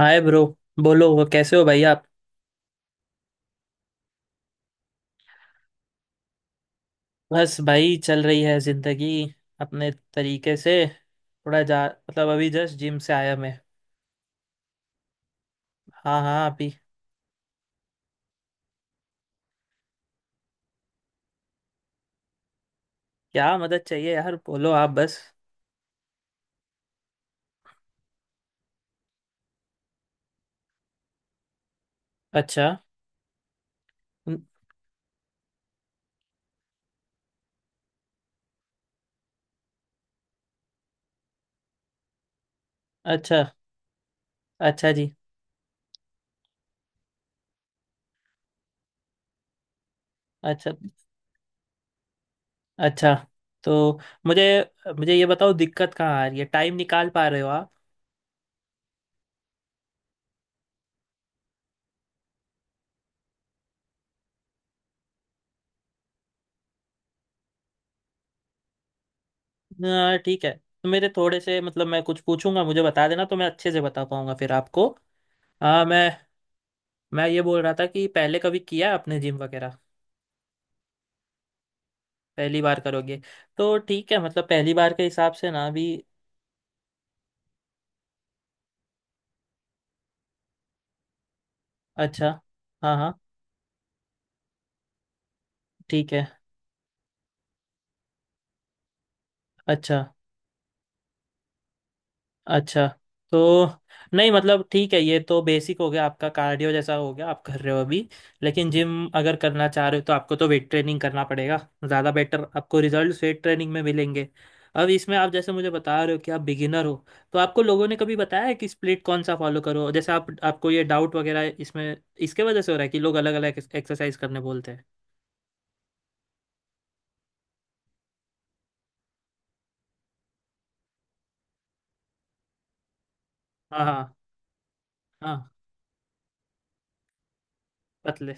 हाय bro. बोलो, वो कैसे हो भाई आप? बस भाई, चल रही है जिंदगी अपने तरीके से। थोड़ा जा मतलब अभी जस्ट जिम से आया मैं। हाँ हाँ, अभी। क्या मदद चाहिए यार? बोलो आप बस। अच्छा। न- अच्छा। अच्छा जी। अच्छा। अच्छा तो मुझे मुझे ये बताओ, दिक्कत कहाँ आ रही है? टाइम निकाल पा रहे हो आप? हाँ, ठीक है। तो मेरे थोड़े से मतलब मैं कुछ पूछूंगा, मुझे बता देना, तो मैं अच्छे से बता पाऊंगा फिर आपको। हाँ। मैं ये बोल रहा था कि पहले कभी किया है आपने जिम वगैरह? पहली बार करोगे? तो ठीक है, मतलब पहली बार के हिसाब से ना अभी। अच्छा। हाँ हाँ, ठीक है। अच्छा। अच्छा तो नहीं, मतलब ठीक है, ये तो बेसिक हो गया आपका, कार्डियो जैसा हो गया आप कर रहे हो अभी। लेकिन जिम अगर करना चाह रहे हो तो आपको तो वेट ट्रेनिंग करना पड़ेगा। ज़्यादा बेटर आपको रिजल्ट वेट ट्रेनिंग में मिलेंगे। अब इसमें आप जैसे मुझे बता रहे हो कि आप बिगिनर हो, तो आपको लोगों ने कभी बताया है कि स्प्लिट कौन सा फॉलो करो, जैसे आप आपको ये डाउट वगैरह इसमें इसके वजह से हो रहा है कि लोग अलग अलग एक्सरसाइज करने बोलते हैं। हाँ हाँ हाँ। पतले।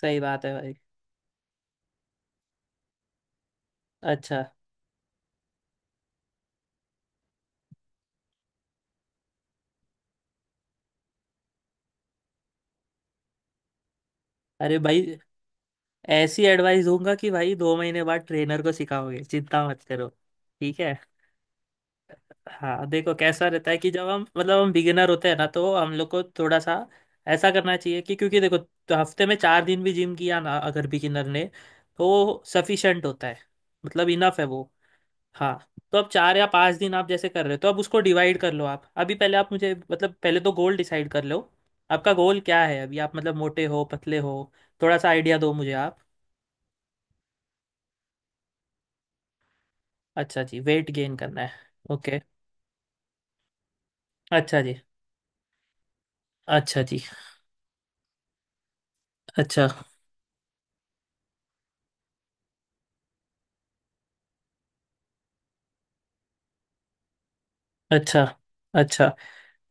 सही बात है भाई। अच्छा। अरे भाई, ऐसी एडवाइस दूंगा कि भाई 2 महीने बाद ट्रेनर को सिखाओगे, चिंता मत करो। ठीक है। हाँ, देखो कैसा रहता है कि जब हम मतलब हम बिगिनर होते हैं ना तो हम लोग को थोड़ा सा ऐसा करना चाहिए कि क्योंकि देखो, तो हफ्ते में 4 दिन भी जिम किया ना अगर बिगिनर ने तो सफिशेंट होता है, मतलब इनफ है वो। हाँ। तो अब 4 या 5 दिन आप जैसे कर रहे हो, तो अब उसको डिवाइड कर लो आप। अभी पहले आप मुझे मतलब पहले तो गोल डिसाइड कर लो। आपका गोल क्या है अभी? आप मतलब मोटे हो, पतले हो? थोड़ा सा आइडिया दो मुझे आप। अच्छा जी, वेट गेन करना है। ओके। अच्छा जी। अच्छा जी। अच्छा। अच्छा। अच्छा।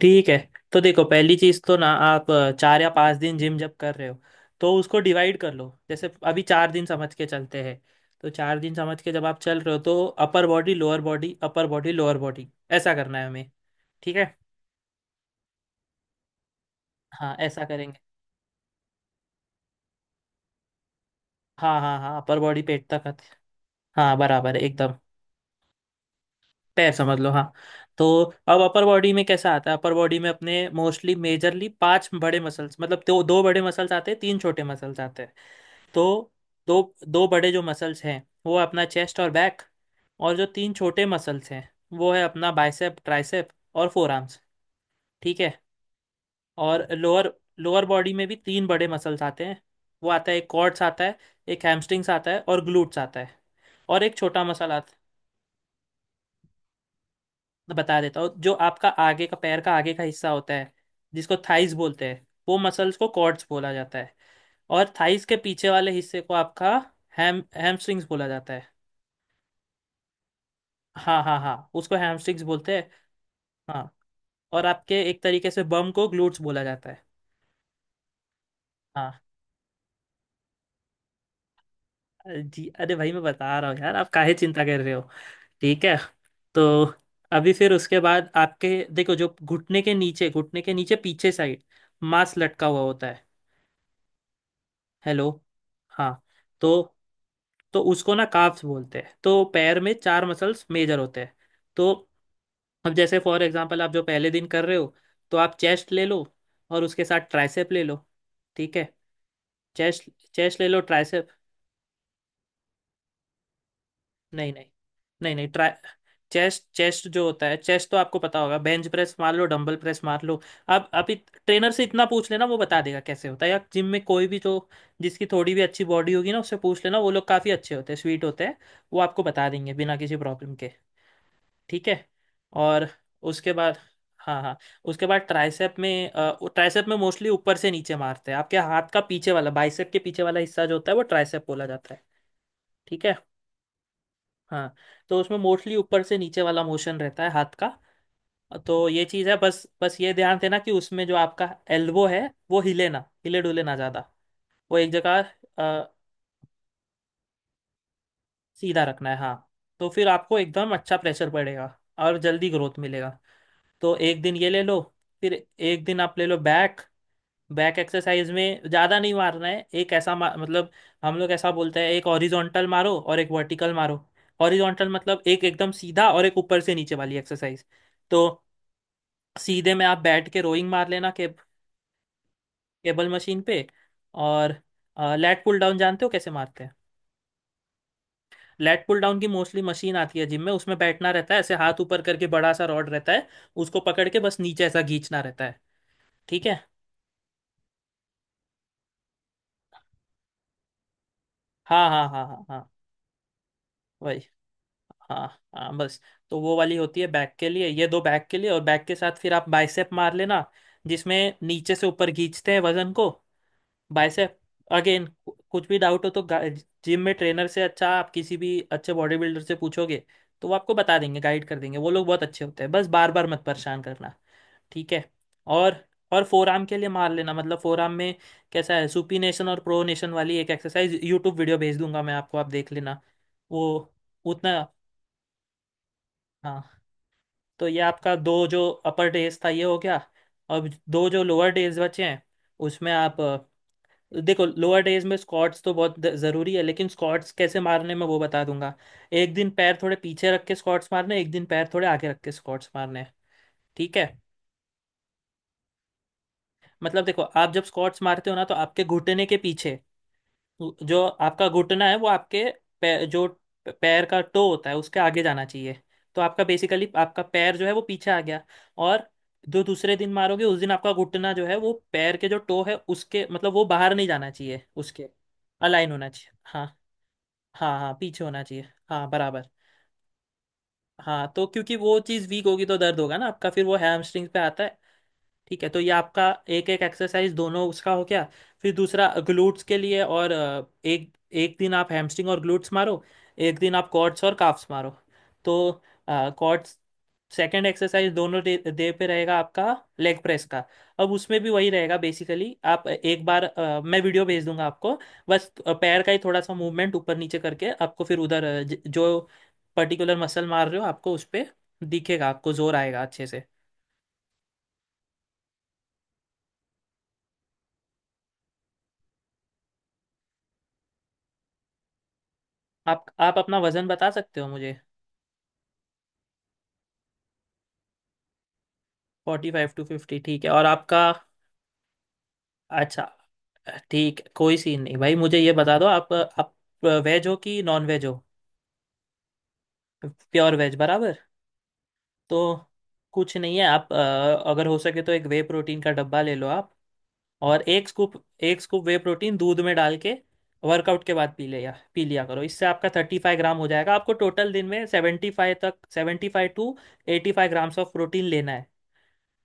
ठीक है। तो देखो पहली चीज तो ना आप 4 या 5 दिन जिम जब कर रहे हो तो उसको डिवाइड कर लो। जैसे अभी 4 दिन समझ के चलते हैं, तो 4 दिन समझ के जब आप चल रहे हो तो upper body, lower body, upper body, lower body, ऐसा करना है हमें। ठीक है। हाँ, ऐसा करेंगे। हाँ हाँ हाँ, अपर बॉडी पेट तक आते। हाँ, बराबर है एकदम। पैर समझ लो, हाँ। तो अब अपर बॉडी में कैसा आता है? अपर बॉडी में अपने मोस्टली मेजरली 5 बड़े मसल्स, मतलब दो दो बड़े मसल्स आते हैं, 3 छोटे मसल्स आते हैं। तो दो दो बड़े जो मसल्स हैं वो है अपना चेस्ट और बैक। और जो 3 छोटे मसल्स हैं, वो है अपना बाइसेप, ट्राइसेप और फोर आर्म्स। ठीक है। और लोअर लोअर बॉडी में भी 3 बड़े मसल्स आते हैं। वो आता है एक क्वाड्स आता है, एक हैमस्ट्रिंग्स आता है और ग्लूट्स आता है। और एक छोटा मसल आता। बता देता हूँ, जो आपका आगे का पैर का आगे का हिस्सा होता है, जिसको थाइस बोलते हैं, वो मसल्स को क्वाड्स बोला जाता है। और थाइस के पीछे वाले हिस्से को आपका हैमस्ट्रिंग्स बोला जाता है। हाँ हाँ हाँ, उसको हैमस्टिक्स बोलते हैं। हाँ। और आपके एक तरीके से बम को ग्लूट्स बोला जाता है। हाँ। अरे जी, अरे भाई मैं बता रहा हूँ यार, आप काहे चिंता कर रहे हो? ठीक है। तो अभी फिर उसके बाद आपके देखो जो घुटने के नीचे, घुटने के नीचे पीछे साइड मांस लटका हुआ होता है। हेलो। हाँ। तो तो उसको ना काफ्स बोलते हैं। तो पैर में 4 मसल्स मेजर होते हैं। तो अब जैसे फॉर एग्जांपल आप जो पहले दिन कर रहे हो, तो आप चेस्ट ले लो और उसके साथ ट्राइसेप ले लो। ठीक है। चेस्ट, चेस्ट ले लो, ट्राइसेप। नहीं नहीं नहीं नहीं, ट्राई चेस्ट चेस्ट जो होता है, चेस्ट तो आपको पता होगा, बेंच प्रेस मार लो, डंबल प्रेस मार लो। आप ट्रेनर से इतना पूछ लेना वो बता देगा कैसे होता है, या जिम में कोई भी जो जिसकी थोड़ी भी अच्छी बॉडी होगी ना, उससे पूछ लेना, वो लोग काफ़ी अच्छे होते हैं, स्वीट होते हैं, वो आपको बता देंगे बिना किसी प्रॉब्लम के। ठीक है। और उसके बाद, हाँ हाँ, उसके बाद ट्राइसेप में वो ट्राइसेप में मोस्टली ऊपर से नीचे मारते हैं, आपके हाथ का पीछे वाला, बाइसेप के पीछे वाला हिस्सा जो होता है वो ट्राइसेप बोला जाता है। ठीक है। हाँ। तो उसमें मोस्टली ऊपर से नीचे वाला मोशन रहता है हाथ का। तो ये चीज़ है, बस बस ये ध्यान देना कि उसमें जो आपका एल्बो है वो हिले ना, हिले डुले ना ज़्यादा, वो एक जगह। अ, सीधा रखना है, हाँ। तो फिर आपको एकदम अच्छा प्रेशर पड़ेगा और जल्दी ग्रोथ मिलेगा। तो एक दिन ये ले लो, फिर एक दिन आप ले लो बैक। बैक एक्सरसाइज में ज़्यादा नहीं मारना है, एक ऐसा मतलब हम लोग ऐसा बोलते हैं, एक हॉरिजॉन्टल मारो और एक वर्टिकल मारो। हॉरिजॉन्टल मतलब एक एकदम सीधा, और एक ऊपर से नीचे वाली एक्सरसाइज। तो सीधे में आप बैठ के रोइंग मार लेना केबल मशीन पे। और लैट पुल डाउन जानते हो कैसे मारते हैं? लैट पुल डाउन की मोस्टली मशीन आती है जिम में, उसमें बैठना रहता है ऐसे हाथ ऊपर करके, बड़ा सा रॉड रहता है, उसको पकड़ के बस नीचे ऐसा खींचना रहता है। ठीक है। हाँ हाँ हाँ हाँ हाँ, वही, हाँ हाँ, बस। तो वो वाली होती है बैक के लिए, ये दो बैक के लिए। और बैक के साथ फिर आप बाइसेप मार लेना, जिसमें नीचे से ऊपर खींचते हैं वजन को। बाइसेप। अगेन कुछ भी डाउट हो तो जिम में ट्रेनर से, अच्छा आप किसी भी अच्छे बॉडी बिल्डर से पूछोगे तो वो आपको बता देंगे, गाइड कर देंगे, वो लोग बहुत अच्छे होते हैं, बस बार बार मत परेशान करना। ठीक है। और और फोर आर्म के लिए मार लेना, मतलब फोर आर्म में कैसा है, सुपीनेशन और प्रोनेशन वाली एक एक्सरसाइज, यूट्यूब वीडियो भेज दूंगा मैं आपको, आप देख लेना वो उतना। हाँ। तो ये आपका दो जो अपर डेज था ये हो गया। अब दो जो लोअर डेज बचे हैं, उसमें आप देखो लोअर डेज में स्क्वाट्स तो बहुत ज़रूरी है, लेकिन स्क्वाट्स कैसे मारने मैं वो बता दूंगा। एक दिन पैर थोड़े पीछे रख के स्क्वाट्स मारने हैं, एक दिन पैर थोड़े आगे रख के स्क्वाट्स मारने हैं। ठीक है। मतलब देखो, आप जब स्क्वाट्स मारते हो ना तो आपके घुटने के पीछे, जो आपका घुटना है वो आपके पैर जो पैर का टो होता है उसके आगे जाना चाहिए। तो आपका बेसिकली आपका पैर जो है वो पीछे आ गया। और जो दूसरे दिन मारोगे उस दिन आपका घुटना जो है वो पैर के जो टो है उसके मतलब वो बाहर नहीं जाना चाहिए उसके, अलाइन होना चाहिए, हाँ। हाँ हाँ, पीछे होना चाहिए, हाँ, बराबर। हाँ, तो क्योंकि वो चीज़ वीक होगी तो दर्द होगा ना आपका, फिर वो हैमस्ट्रिंग्स पे आता है। ठीक है, तो ये आपका एक एक एक्सरसाइज दोनों उसका हो गया। फिर दूसरा ग्लूट्स के लिए, और एक एक दिन आप हैमस्ट्रिंग और ग्लूट्स मारो, एक दिन आप क्वाड्स और काफ्स मारो। तो क्वाड्स सेकेंड एक्सरसाइज दोनों डे पे रहेगा आपका, लेग प्रेस का। अब उसमें भी वही रहेगा, बेसिकली आप एक बार मैं वीडियो भेज दूंगा आपको। बस पैर का ही थोड़ा सा मूवमेंट ऊपर नीचे करके आपको, फिर उधर जो पर्टिकुलर मसल मार रहे हो आपको उस पे दिखेगा, आपको जोर आएगा अच्छे से। आप अपना वजन बता सकते हो मुझे? 45 to 50, ठीक है। और आपका, अच्छा, ठीक, कोई सीन नहीं भाई। मुझे ये बता दो, आप वेज हो कि नॉन वेज हो? प्योर वेज, बराबर। तो कुछ नहीं है, आप अगर हो सके तो एक वे प्रोटीन का डब्बा ले लो आप, और एक स्कूप, एक स्कूप वे प्रोटीन दूध में डाल के वर्कआउट के बाद पी लिया करो। इससे आपका 35 ग्राम हो जाएगा। आपको टोटल दिन में 75 तक, 75 to 85 ग्राम्स ऑफ प्रोटीन लेना है।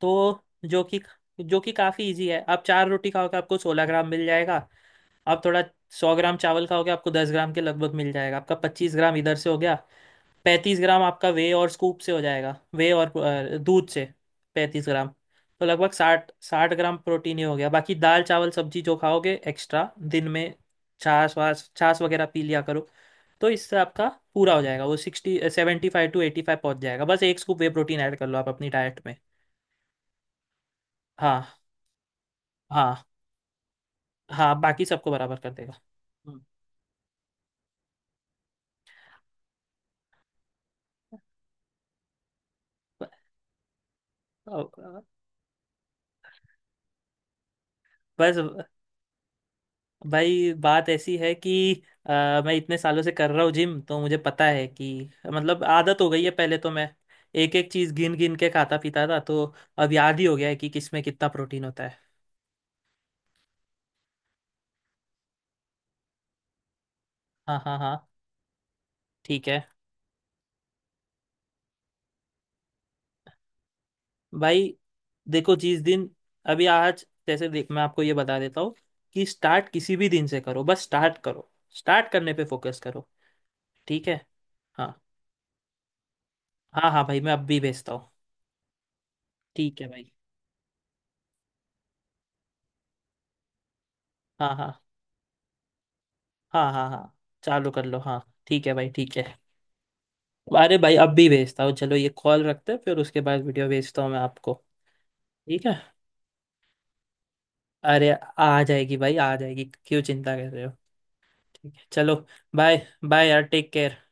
तो जो कि, काफ़ी इजी है, आप चार रोटी खाओगे आपको 16 ग्राम मिल जाएगा, आप थोड़ा 100 ग्राम चावल खाओगे आपको 10 ग्राम के लगभग मिल जाएगा, आपका 25 ग्राम इधर से हो गया, 35 ग्राम आपका वे और स्कूप से हो जाएगा, वे और दूध से 35 ग्राम। तो लगभग 60 60 ग्राम प्रोटीन ही हो गया, बाकी दाल चावल सब्जी जो खाओगे एक्स्ट्रा दिन में, छाछ वाछ, छाछ वगैरह पी लिया करो, तो इससे आपका पूरा हो जाएगा, वो sixty, seventy five to eighty five पहुंच जाएगा। बस एक स्कूप वे प्रोटीन ऐड कर लो आप अपनी डाइट में। हाँ हाँ हाँ, बाकी सबको बराबर कर देगा। हम्म। ब- अ- बस भाई बात ऐसी है कि मैं इतने सालों से कर रहा हूँ जिम, तो मुझे पता है कि मतलब आदत हो गई है, पहले तो मैं एक एक चीज गिन गिन के खाता पीता था, तो अब याद ही हो गया है कि किसमें कितना प्रोटीन होता है। हाँ हाँ हाँ, ठीक है भाई। देखो जिस दिन, अभी आज जैसे देख मैं आपको ये बता देता हूँ कि स्टार्ट किसी भी दिन से करो, बस स्टार्ट करो, स्टार्ट करने पे फोकस करो। ठीक है। हाँ हाँ हाँ भाई, मैं अब भी भेजता हूँ। ठीक है भाई। हाँ हाँ हाँ हाँ हाँ, चालू कर लो, हाँ। ठीक है भाई, ठीक है। अरे भाई, अब भी भेजता हूँ, चलो ये कॉल रखते हैं फिर उसके बाद वीडियो भेजता हूँ मैं आपको। ठीक है। अरे, आ जाएगी भाई, आ जाएगी, क्यों चिंता कर रहे हो? ठीक है, चलो। बाय। बाय यार, टेक केयर।